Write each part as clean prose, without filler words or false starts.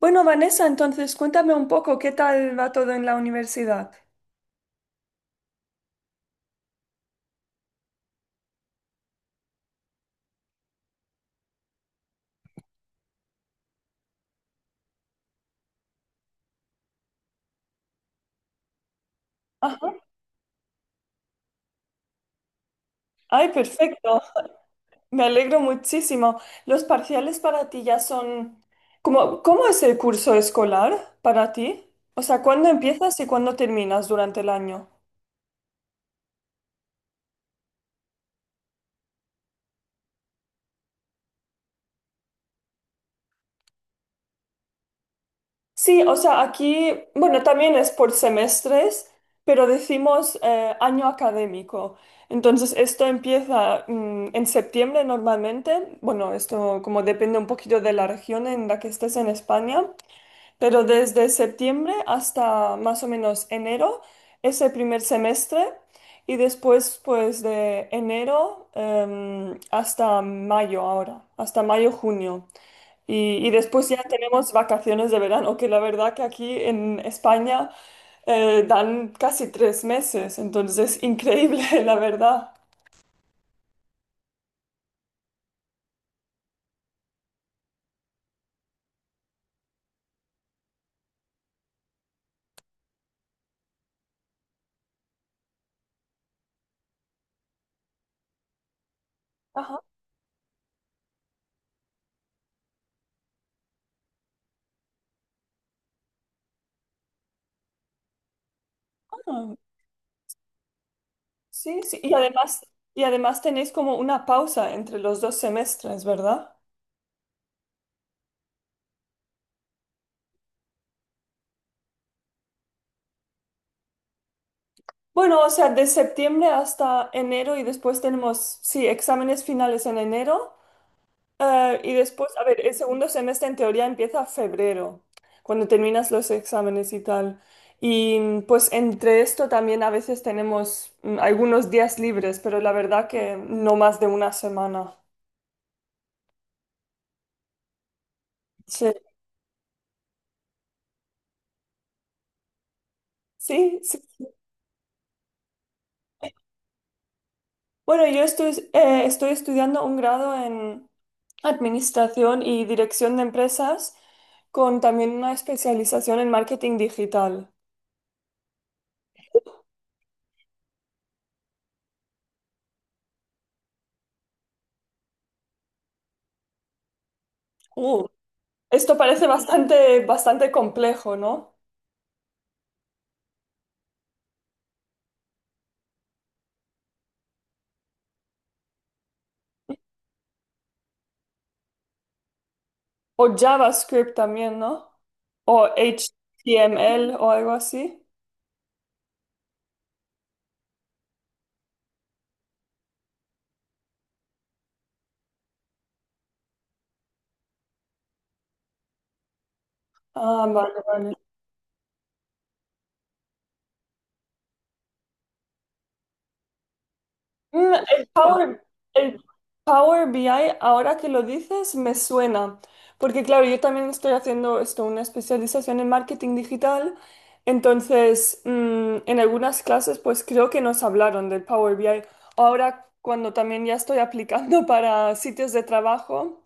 Bueno, Vanessa, entonces cuéntame un poco qué tal va todo en la universidad. Ajá. Ay, perfecto. Me alegro muchísimo. ¿Los parciales para ti ya son... ¿Cómo es el curso escolar para ti? O sea, ¿cuándo empiezas y cuándo terminas durante el año? Sí, o sea, aquí, bueno, también es por semestres, pero decimos año académico. Entonces, esto empieza en septiembre normalmente. Bueno, esto como depende un poquito de la región en la que estés en España. Pero desde septiembre hasta más o menos enero es el primer semestre y después pues de enero hasta mayo ahora, hasta mayo, junio. Y después ya tenemos vacaciones de verano, que la verdad que aquí en España dan casi tres meses, entonces es increíble, la verdad. Ajá, sí, sí. Y además tenéis como una pausa entre los dos semestres, ¿verdad? Bueno, o sea, de septiembre hasta enero y después tenemos, sí, exámenes finales en enero. Y después, a ver, el segundo semestre en teoría empieza febrero, cuando terminas los exámenes y tal. Y pues entre esto también a veces tenemos algunos días libres, pero la verdad que no más de una semana. Sí, sí, sí. Sí. Bueno, yo estoy, estoy estudiando un grado en administración y dirección de empresas, con también una especialización en marketing digital. Uh, Esto parece bastante complejo, ¿no? ¿O JavaScript también? ¿No? ¿O HTML o algo así? Ah, vale, vale. Mm, El Power, el Power BI, ahora que lo dices, me suena. Porque claro, yo también estoy haciendo esto, una especialización en marketing digital. Entonces, en algunas clases, pues creo que nos hablaron del Power BI. Ahora, cuando también ya estoy aplicando para sitios de trabajo.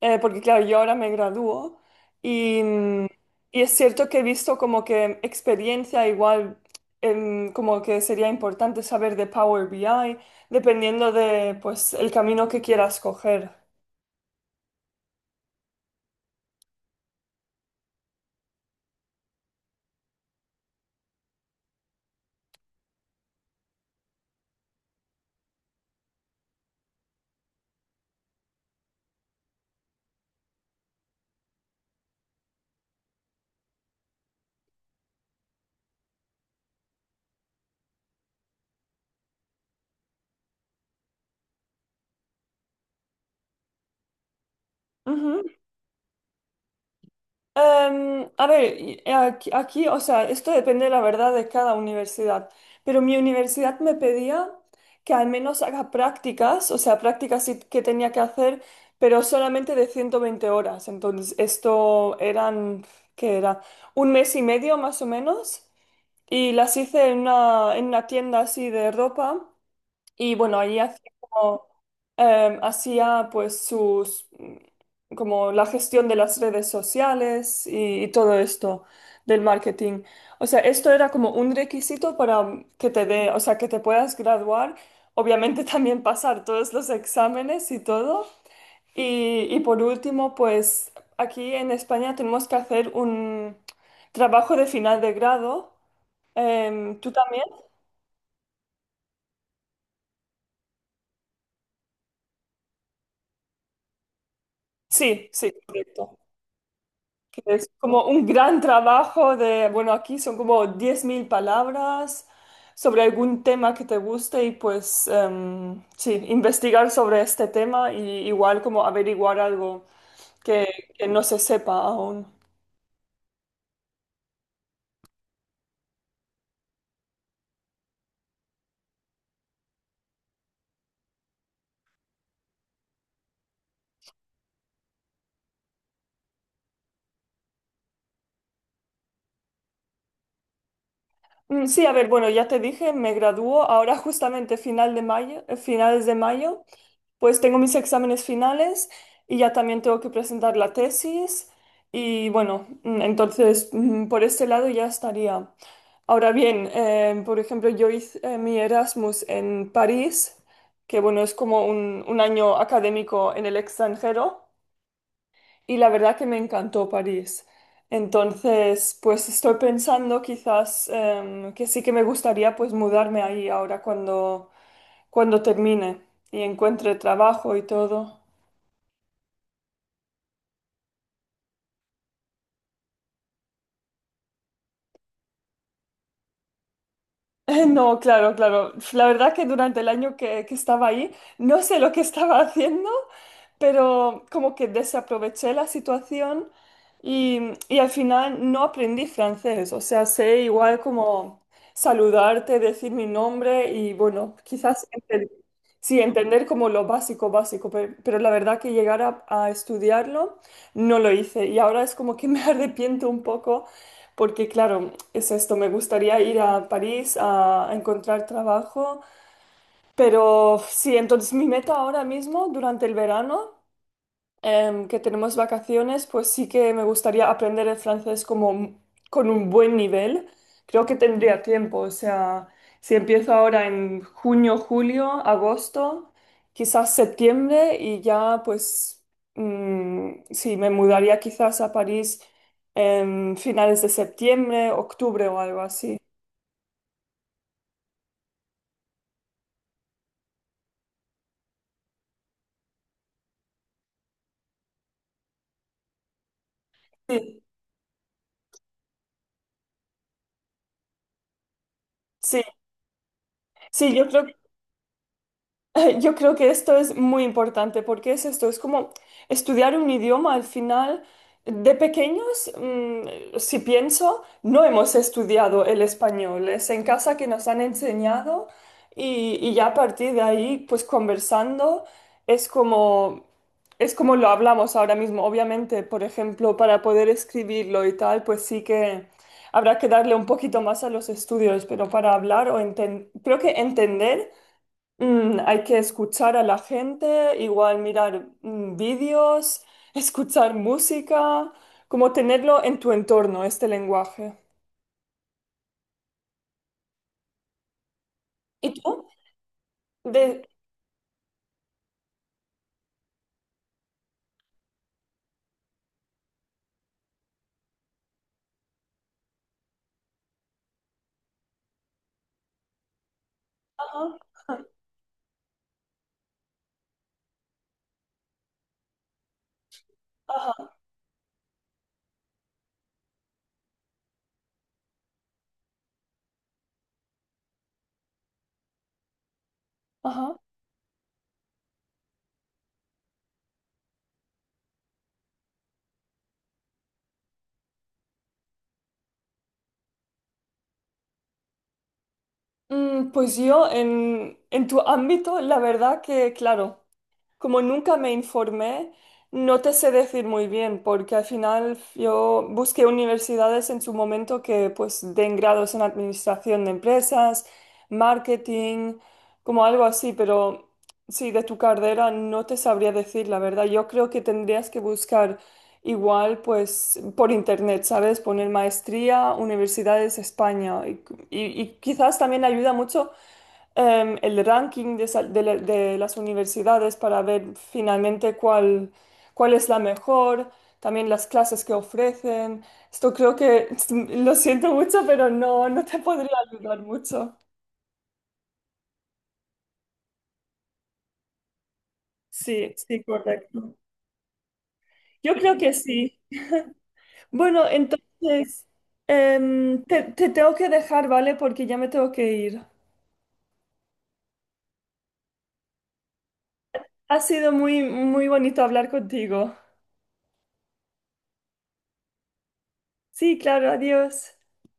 Porque claro, yo ahora me gradúo y, y es cierto que he visto como que experiencia igual, como que sería importante saber de Power BI, dependiendo de pues el camino que quieras coger. Ujú. A ver, aquí, o sea, esto depende, la verdad, de cada universidad, pero mi universidad me pedía que al menos haga prácticas, o sea, prácticas sí que tenía que hacer, pero solamente de 120 horas. Entonces, esto eran, ¿qué era? Un mes y medio más o menos, y las hice en una tienda así de ropa. Y bueno, allí hacía como, hacía pues sus, como la gestión de las redes sociales y todo esto del marketing. O sea, esto era como un requisito para que te dé, o sea, que te puedas graduar, obviamente también pasar todos los exámenes y todo. Y por último, pues aquí en España tenemos que hacer un trabajo de final de grado. Em, ¿tú también? Sí, sí, correcto. Es como un gran trabajo de, bueno, aquí son como 10.000 palabras sobre algún tema que te guste y pues sí, investigar sobre este tema y igual como averiguar algo que, que no se sepa aún. Sí, a ver, bueno, ya te dije, me gradúo ahora justamente final de mayo, finales de mayo, pues tengo mis exámenes finales y ya también tengo que presentar la tesis y bueno, entonces por este lado ya estaría. Ahora bien, por ejemplo, yo hice mi Erasmus en París, que bueno, es como un año académico en el extranjero y la verdad que me encantó París. Entonces, pues estoy pensando quizás que sí que me gustaría pues mudarme ahí ahora cuando, cuando termine y encuentre trabajo y todo. No, claro, claro. La verdad que durante el año que estaba ahí, no sé lo que estaba haciendo, pero como que desaproveché la situación y, y al final no aprendí francés. O sea, sé igual como saludarte, decir mi nombre y bueno, quizás enten- sí, entender como lo básico, básico, pe- pero, la verdad que llegar a estudiarlo no lo hice y ahora es como que me arrepiento un poco porque claro, es esto, me gustaría ir a París a encontrar trabajo, pero sí, entonces mi meta ahora mismo, durante el verano, que tenemos vacaciones, pues sí que me gustaría aprender el francés como un- con un buen nivel. Creo que tendría tiempo, o sea, si empiezo ahora en junio, julio, agosto, quizás septiembre y ya pues sí, me mudaría quizás a París en finales de septiembre, octubre o algo así. Sí, sí, sí, yo creo. Yo creo que esto es muy importante porque es esto, es como estudiar un idioma al final. De pequeños, si pienso, no hemos estudiado el español, es en casa que nos han enseñado y ya a partir de ahí, pues conversando, es como, es como lo hablamos ahora mismo. Obviamente, por ejemplo, para poder escribirlo y tal, pues sí que habrá que darle un poquito más a los estudios, pero para hablar o enten- creo que entender. Hay que escuchar a la gente, igual mirar vídeos, escuchar música, como tenerlo en tu entorno, este lenguaje. ¿Y tú? De... Ajá, ajá, ajá. Pues yo en tu ámbito, la verdad que, claro. Como nunca me informé, no te sé decir muy bien, porque al final yo busqué universidades en su momento que pues den grados en administración de empresas, marketing, como algo así, pero sí, de tu carrera no te sabría decir la verdad. Yo creo que tendrías que buscar igual pues por internet, ¿sabes? Poner maestría, universidades España y, y quizás también ayuda mucho el ranking de, sal- de la- de las universidades para ver finalmente cuál, cuál es la mejor, también las clases que ofrecen. Esto creo que, lo siento mucho, pero no, no te podría ayudar mucho. Sí, sí, correcto. Yo creo que sí. Bueno, entonces, te, te tengo que dejar, ¿vale? Porque ya me tengo que ir. Ha sido muy, muy bonito hablar contigo. Sí, claro, adiós.